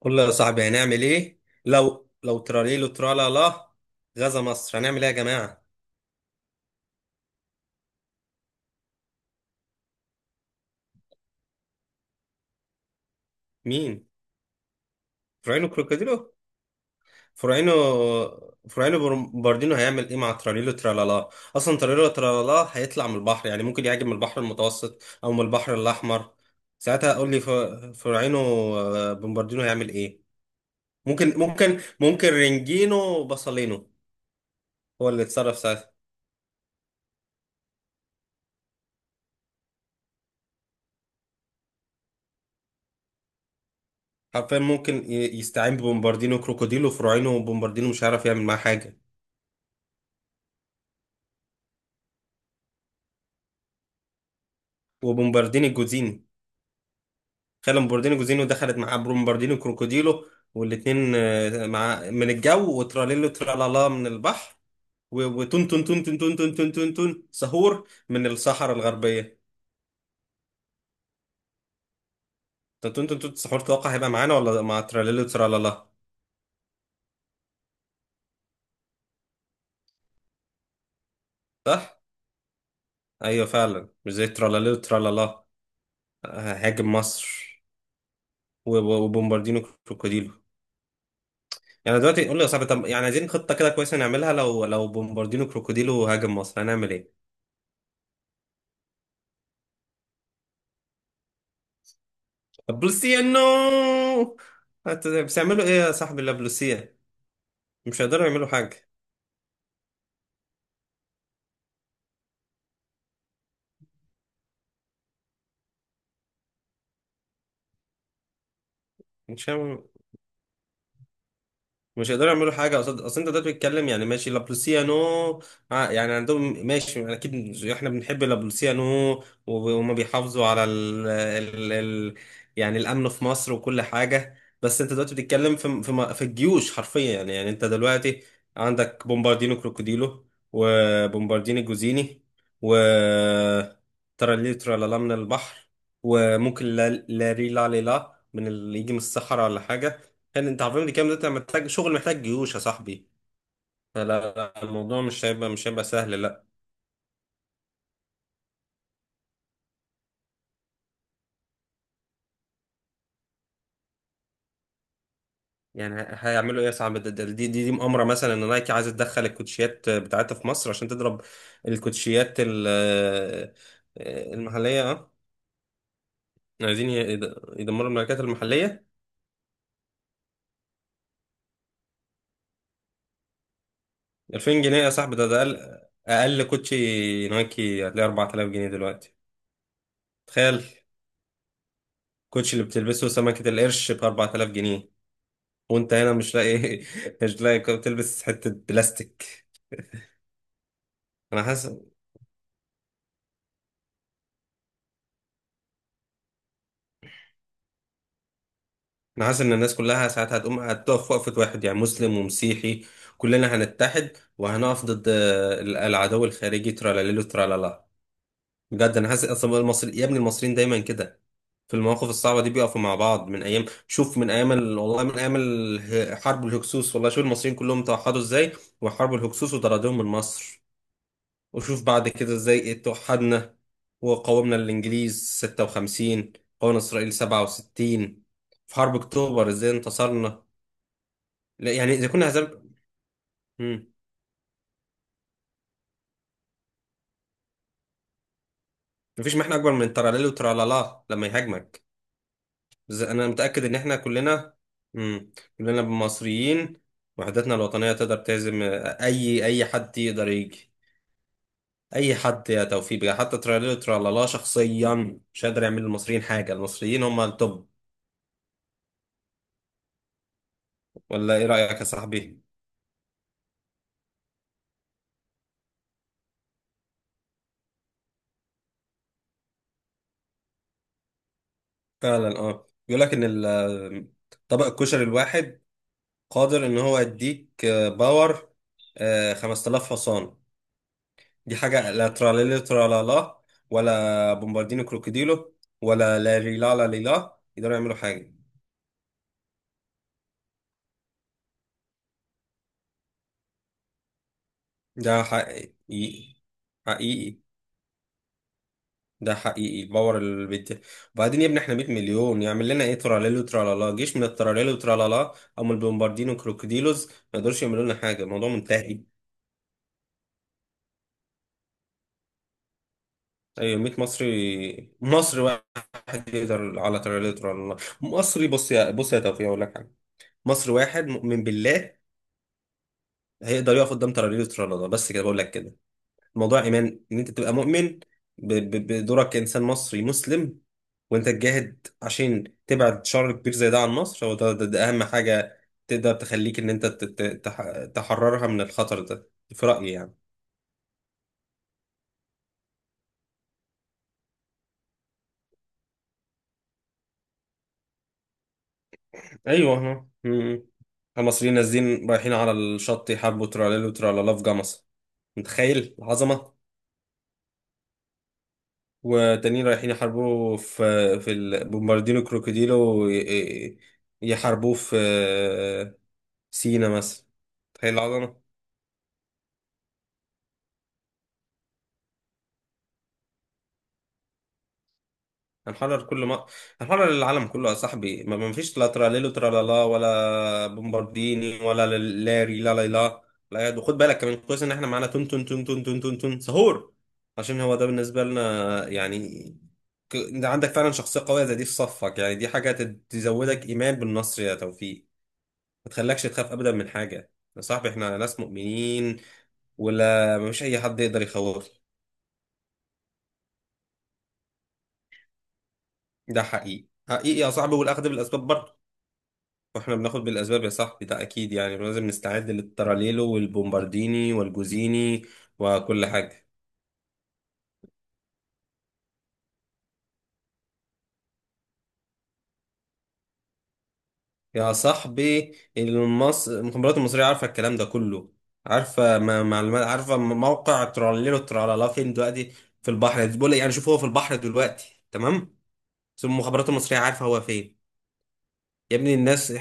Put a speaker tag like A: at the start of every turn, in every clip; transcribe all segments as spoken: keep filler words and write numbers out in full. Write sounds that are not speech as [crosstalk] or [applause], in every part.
A: قول لي يا صاحبي هنعمل ايه لو لو تراليلو ترالا لا غزا مصر، هنعمل ايه يا جماعة؟ مين؟ فراينو كروكوديلو فراينو. فراينو بر- باردينو هيعمل ايه مع تراليلو ترالا لا؟ اصلا تراليلو ترالا لا هيطلع من البحر، يعني ممكن يهاجم من البحر المتوسط او من البحر الاحمر. ساعتها قول لي. ف- فراينو، آه، بومباردينو هيعمل ايه؟ ممكن ممكن ممكن رينجينو وباسولينو هو اللي اتصرف ساعتها. حرفيا ممكن ي- يستعين ببومباردينو كروكوديلو. فراينو وبومباردينو مش هيعرف يعمل معاه حاجة. وبومبارديني جوزيني. خلى بومبارديني جوزيني ودخلت معاه بومبارديني كروكوديلو، والاثنين مع من الجو، وتراليلو ترالالا من البحر، و- وتون تون تون تون تون تون تون تون تون سهور من الصحراء الغربية. تون تون تون تون سحور توقع هيبقى معانا ولا مع تراليلو ترالالا؟ صح؟ ايوه فعلا، مش زي تراليلو ترالالا آه، هاجم مصر، و- و- وبومباردينو كروكوديلو. يعني دلوقتي قول لي يا صاحبي، طب يعني عايزين خطة كده كويسة نعملها لو لو بومباردينو كروكوديلو هاجم مصر، هنعمل ايه؟ بلوسية نو. هت- بس يعملوا ايه يا صاحبي؟ لا، بلوسية مش هيقدروا يعملوا حاجة. مش هيعملوا، مش هيقدروا يعملوا حاجه. اصل اصل انت دلوقتي بتتكلم، يعني ماشي لابلوسيانو، ع- يعني عندهم ماشي اكيد، مش- احنا بنحب لابلوسيانو، وب- وهم بيحافظوا على ال ال ال يعني الامن في مصر وكل حاجه. بس انت دلوقتي بتتكلم في في م- في الجيوش حرفيا. يعني يعني انت دلوقتي عندك بومباردينو كروكوديلو، وبومباردينو جوزيني، و ترالي ترالالام من البحر، وممكن لا لا ري لا لي لا من اللي يجي من الصحراء ولا حاجه. كان انت عارفين دي كام؟ ده انت محتاج شغل، محتاج جيوش يا صاحبي. فلا لا، الموضوع مش هيبقى، مش هيبقى سهل لا. يعني ه- هيعملوا ايه يا صاحبي؟ ده- ده- دي دي دي مؤامره مثلا ان نايكي عايزه تدخل الكوتشيات بتاعتها في مصر عشان تضرب الكوتشيات ال- آه، المحليه اه. عايزين ي- يد- يدمروا الماركات المحليه. ألفين جنيه يا صاحبي؟ ده ده اقل، اقل كوتشي نايكي هتلاقي أربعة آلاف جنيه دلوقتي. تخيل الكوتشي اللي بتلبسه سمكه القرش ب أربعة آلاف جنيه، وانت هنا مش لاقي. [laughs] مش لاقي كم- تلبس حتة بلاستيك. انا حاسس انا حاسس ان الناس كلها ساعات هتقوم هتقف وقفة واحد، يعني مسلم ومسيحي كلنا هنتحد وهنقف ضد ال- العدو الخارجي ترالاليلو ترالالا. بجد انا حاسس، اصلا المصري يا ابني المصريين دايما كده في المواقف الصعبة دي بيقفوا مع بعض. من ايام، شوف، من ايام ال... والله من ايام ال- حرب الهكسوس، والله شوف المصريين كلهم توحدوا ازاي وحرب الهكسوس وطردوهم من مصر. وشوف بعد كده ازاي توحدنا وقاومنا الإنجليز ستة وخمسين، قاومنا إسرائيل سبعة وستين، في حرب أكتوبر ازاي انتصرنا. لا يعني إذا كنا هزار. مم. مفيش محنة أكبر من تراليل وترالالا لما يهاجمك. بس أنا متأكد إن إحنا كلنا، مم، كلنا مصريين وحدتنا الوطنية تقدر تهزم أي أي حد يقدر يجي. أي حد يا توفيق بقى، حتى تراليل وترالالا شخصيا مش هيقدر يعمل للمصريين حاجة، المصريين هم التوب. ولا إيه رأيك يا صاحبي؟ فعلا اه، بيقول لك ان ال- طبق الكشري الواحد قادر ان هو يديك آه، باور، آه، خمسة آلاف حصان. دي حاجه لا تراليلي ترالالا ولا بومباردينو كروكوديلو ولا لا ريلا لا ليلا يقدروا يعملوا حاجه. ده حقيقي حقيقي، ده حقيقي الباور اللي بيدي. وبعدين يا ابني احنا مية مليون، يعمل لنا ايه تراليلو ترالالا؟ جيش من التراليلو ترالالا او من البومباردينو كروكوديلوز ما يقدروش يعملوا لنا حاجه، الموضوع منتهي. ايوه مية مصري، مصري واحد يقدر على تريليتر ولا لا. مصري، بص، يا بص يا توفيق اقول لك حاجه، مصري واحد مؤمن بالله هيقدر يقف قدام تريليتر ولا لا. بس كده بقول لك كده. الموضوع ايمان، ان انت تبقى مؤمن ب- ب- بدورك كانسان مصري مسلم، وانت تجاهد عشان تبعد شر كبير زي ده عن مصر. هو ده, ده, ده اهم حاجه تقدر تخليك ان انت تت- تح- تحررها من الخطر ده في رايي يعني. ايوه احنا، مم، المصريين نازلين رايحين على الشط يحاربوا تراليل وترالالا في جمصة. متخيل العظمة؟ وتانيين رايحين يحاربوا في، في ال- بومباردينو كروكوديلو وي- إيه، يحاربوه في سينا مثلا. تخيل العظمة. هنحرر كل ما هنحرر العالم كله يا صاحبي، ما ما فيش لا تراليلو ترالالا ولا بومبارديني ولا ل- لاري لا لا لا لا يد. وخد بالك كمان كويس ان احنا معانا تون تون تون تون تون تون تون سهور، عشان هو ده بالنسبه لنا يعني. ك- انت عندك فعلا شخصيه قويه زي دي في صفك، يعني دي حاجه تد- تزودك ايمان بالنصر يا توفيق. ما تخلكش تخاف ابدا من حاجه يا صاحبي، احنا ناس مؤمنين، ولا مفيش اي حد يقدر يخوفنا. ده حقيقي، حقيقي يا صاحبي، والاخذ بالاسباب برضه. واحنا بناخد بالاسباب يا صاحبي ده اكيد، يعني لازم نستعد للتراليلو والبومبارديني والجوزيني وكل حاجه. يا صاحبي المص... المخابرات المصريه عارفه الكلام ده كله، عارفه ما... معلومات، عارفه موقع تراليلو ترالالا فين دلوقتي. في البحر، بقول لك يعني شوف، هو في البحر دلوقتي تمام، بس المخابرات المصريه عارفه هو فين. يا ابني الناس،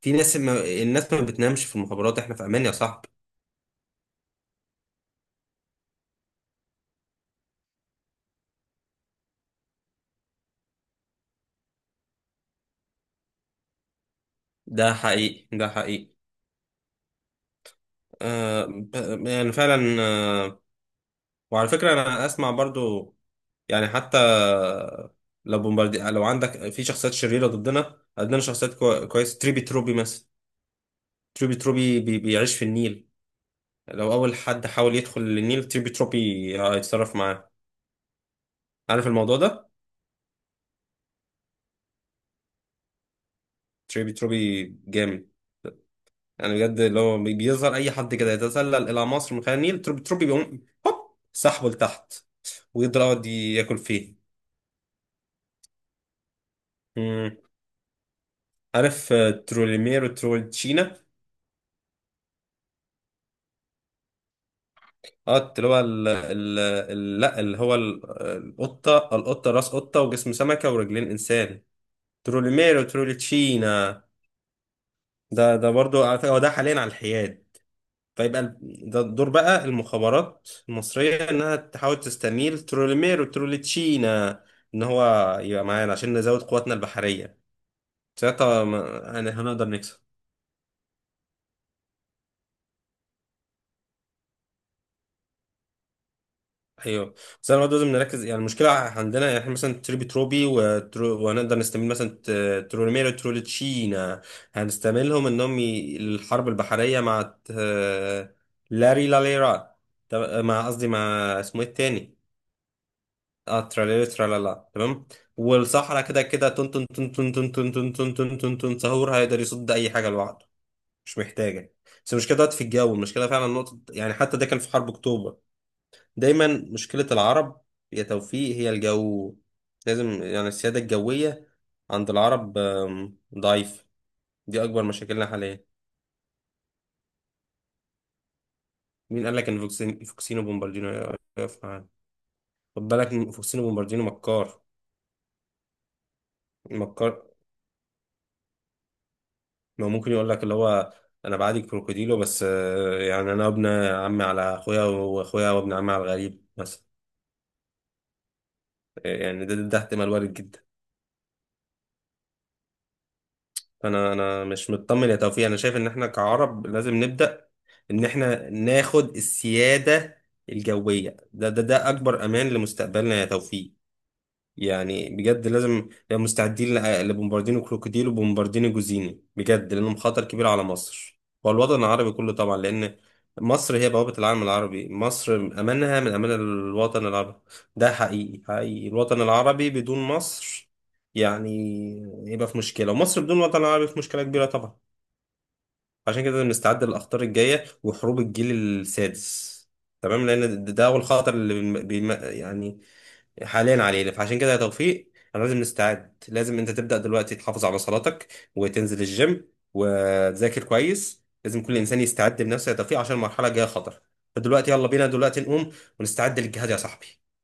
A: في ناس ما... الناس ما بتنامش في المخابرات، احنا في امان يا صاحبي. ده حقيقي ده حقيقي. آه... ب- يعني فعلا، آه، وعلى فكرة أنا أسمع برضو يعني، حتى لو بومباردي لو عندك في شخصيات شريرة ضدنا، عندنا شخصيات كو... كويسة، تريبي تروبي مثلا. تريبي تروبي بي... بيعيش في النيل، لو أول حد حاول يدخل للنيل تريبي تروبي هيتصرف معاه. عارف الموضوع ده؟ تريبي تروبي جامد يعني بجد، لو بي- بيظهر أي حد كده يتسلل إلى مصر من خلال النيل تريبي تروبي بيقوم هوب سحبه لتحت، ويقدر يقعد ياكل فيه. مم. عارف آه، تروليمير وترولتشينا؟ اه اللي هو ال ال ال- لا اللي هو ال- القطة، القطة راس قطة وجسم سمكة ورجلين إنسان. تروليميرو تروليتشينا، ده ده برضو على فكرة هو ده حاليا على الحياد. فيبقى ال- ده دور بقى المخابرات المصرية إنها تحاول تستميل تروليميرو تروليتشينا إن هو يبقى معانا عشان نزود قواتنا البحرية. ساعتها ما- يعني هنقدر نكسب. ايوه بس انا برضه لازم نركز يعني، المشكله عندنا يعني احنا مثلا تريبي تروبي وترو... وهنقدر نستعمل مثلا ت- تروليميرو تروليتشينا، هنستعملهم انهم ي... الحرب البحريه مع ت- لاري لاليرا، طب- مع قصدي مع، اسمه ايه التاني؟ اه تراليري ترالالا تمام. والصحراء كده كده تن تن تن تن تن تن تن تن تن تن تن سهور هيقدر يصد اي حاجه لوحده، مش محتاجه. بس المشكله دلوقتي في الجو، المشكله فعلا نقطه، يعني حتى ده كان في حرب اكتوبر دايما مشكلة العرب يا توفيق هي الجو. لازم يعني السيادة الجوية عند العرب آم، ضعيف. دي أكبر مشاكلنا حاليا. مين قال لك إن فوكسين- فوكسينو بومباردينو يقف معانا؟ خد بالك إن فوكسينو بومباردينو مكار، مكار. ما ممكن يقول لك اللي هو أنا بعادي كروكوديلو، بس آه، يعني أنا ابن عمي على أخويا وأخويا وابن عمي على الغريب مثلا. يعني ده ده احتمال وارد جدا. انا انا مش مطمن يا توفيق، انا شايف ان احنا كعرب لازم نبدا ان احنا ناخد السياده الجويه. ده ده ده اكبر امان لمستقبلنا يا توفيق. يعني بجد لازم نبقى مستعدين ل- لبومباردينو كروكوديل وبومباردينو جوزيني بجد، لأنهم خطر كبير على مصر والوطن العربي كله طبعا، لأن مصر هي بوابة العالم العربي، مصر أمانها من أمان الوطن العربي. ده حقيقي حقيقي الوطن العربي بدون مصر يعني يبقى في مشكلة، ومصر بدون الوطن العربي في مشكلة كبيرة طبعا. عشان كده لازم نستعد للأخطار الجاية وحروب الجيل السادس تمام، لأن ده ده أول خطر اللي بيم... بيم- يعني حاليا علينا. فعشان كده يا توفيق انا لازم نستعد، لازم انت تبدأ دلوقتي تحافظ على صلاتك، وتنزل الجيم وتذاكر كويس. لازم كل انسان يستعد لنفسه يا توفيق عشان المرحلة الجاية خطر. فدلوقتي يلا بينا دلوقتي نقوم ونستعد للجهاد يا صاحبي.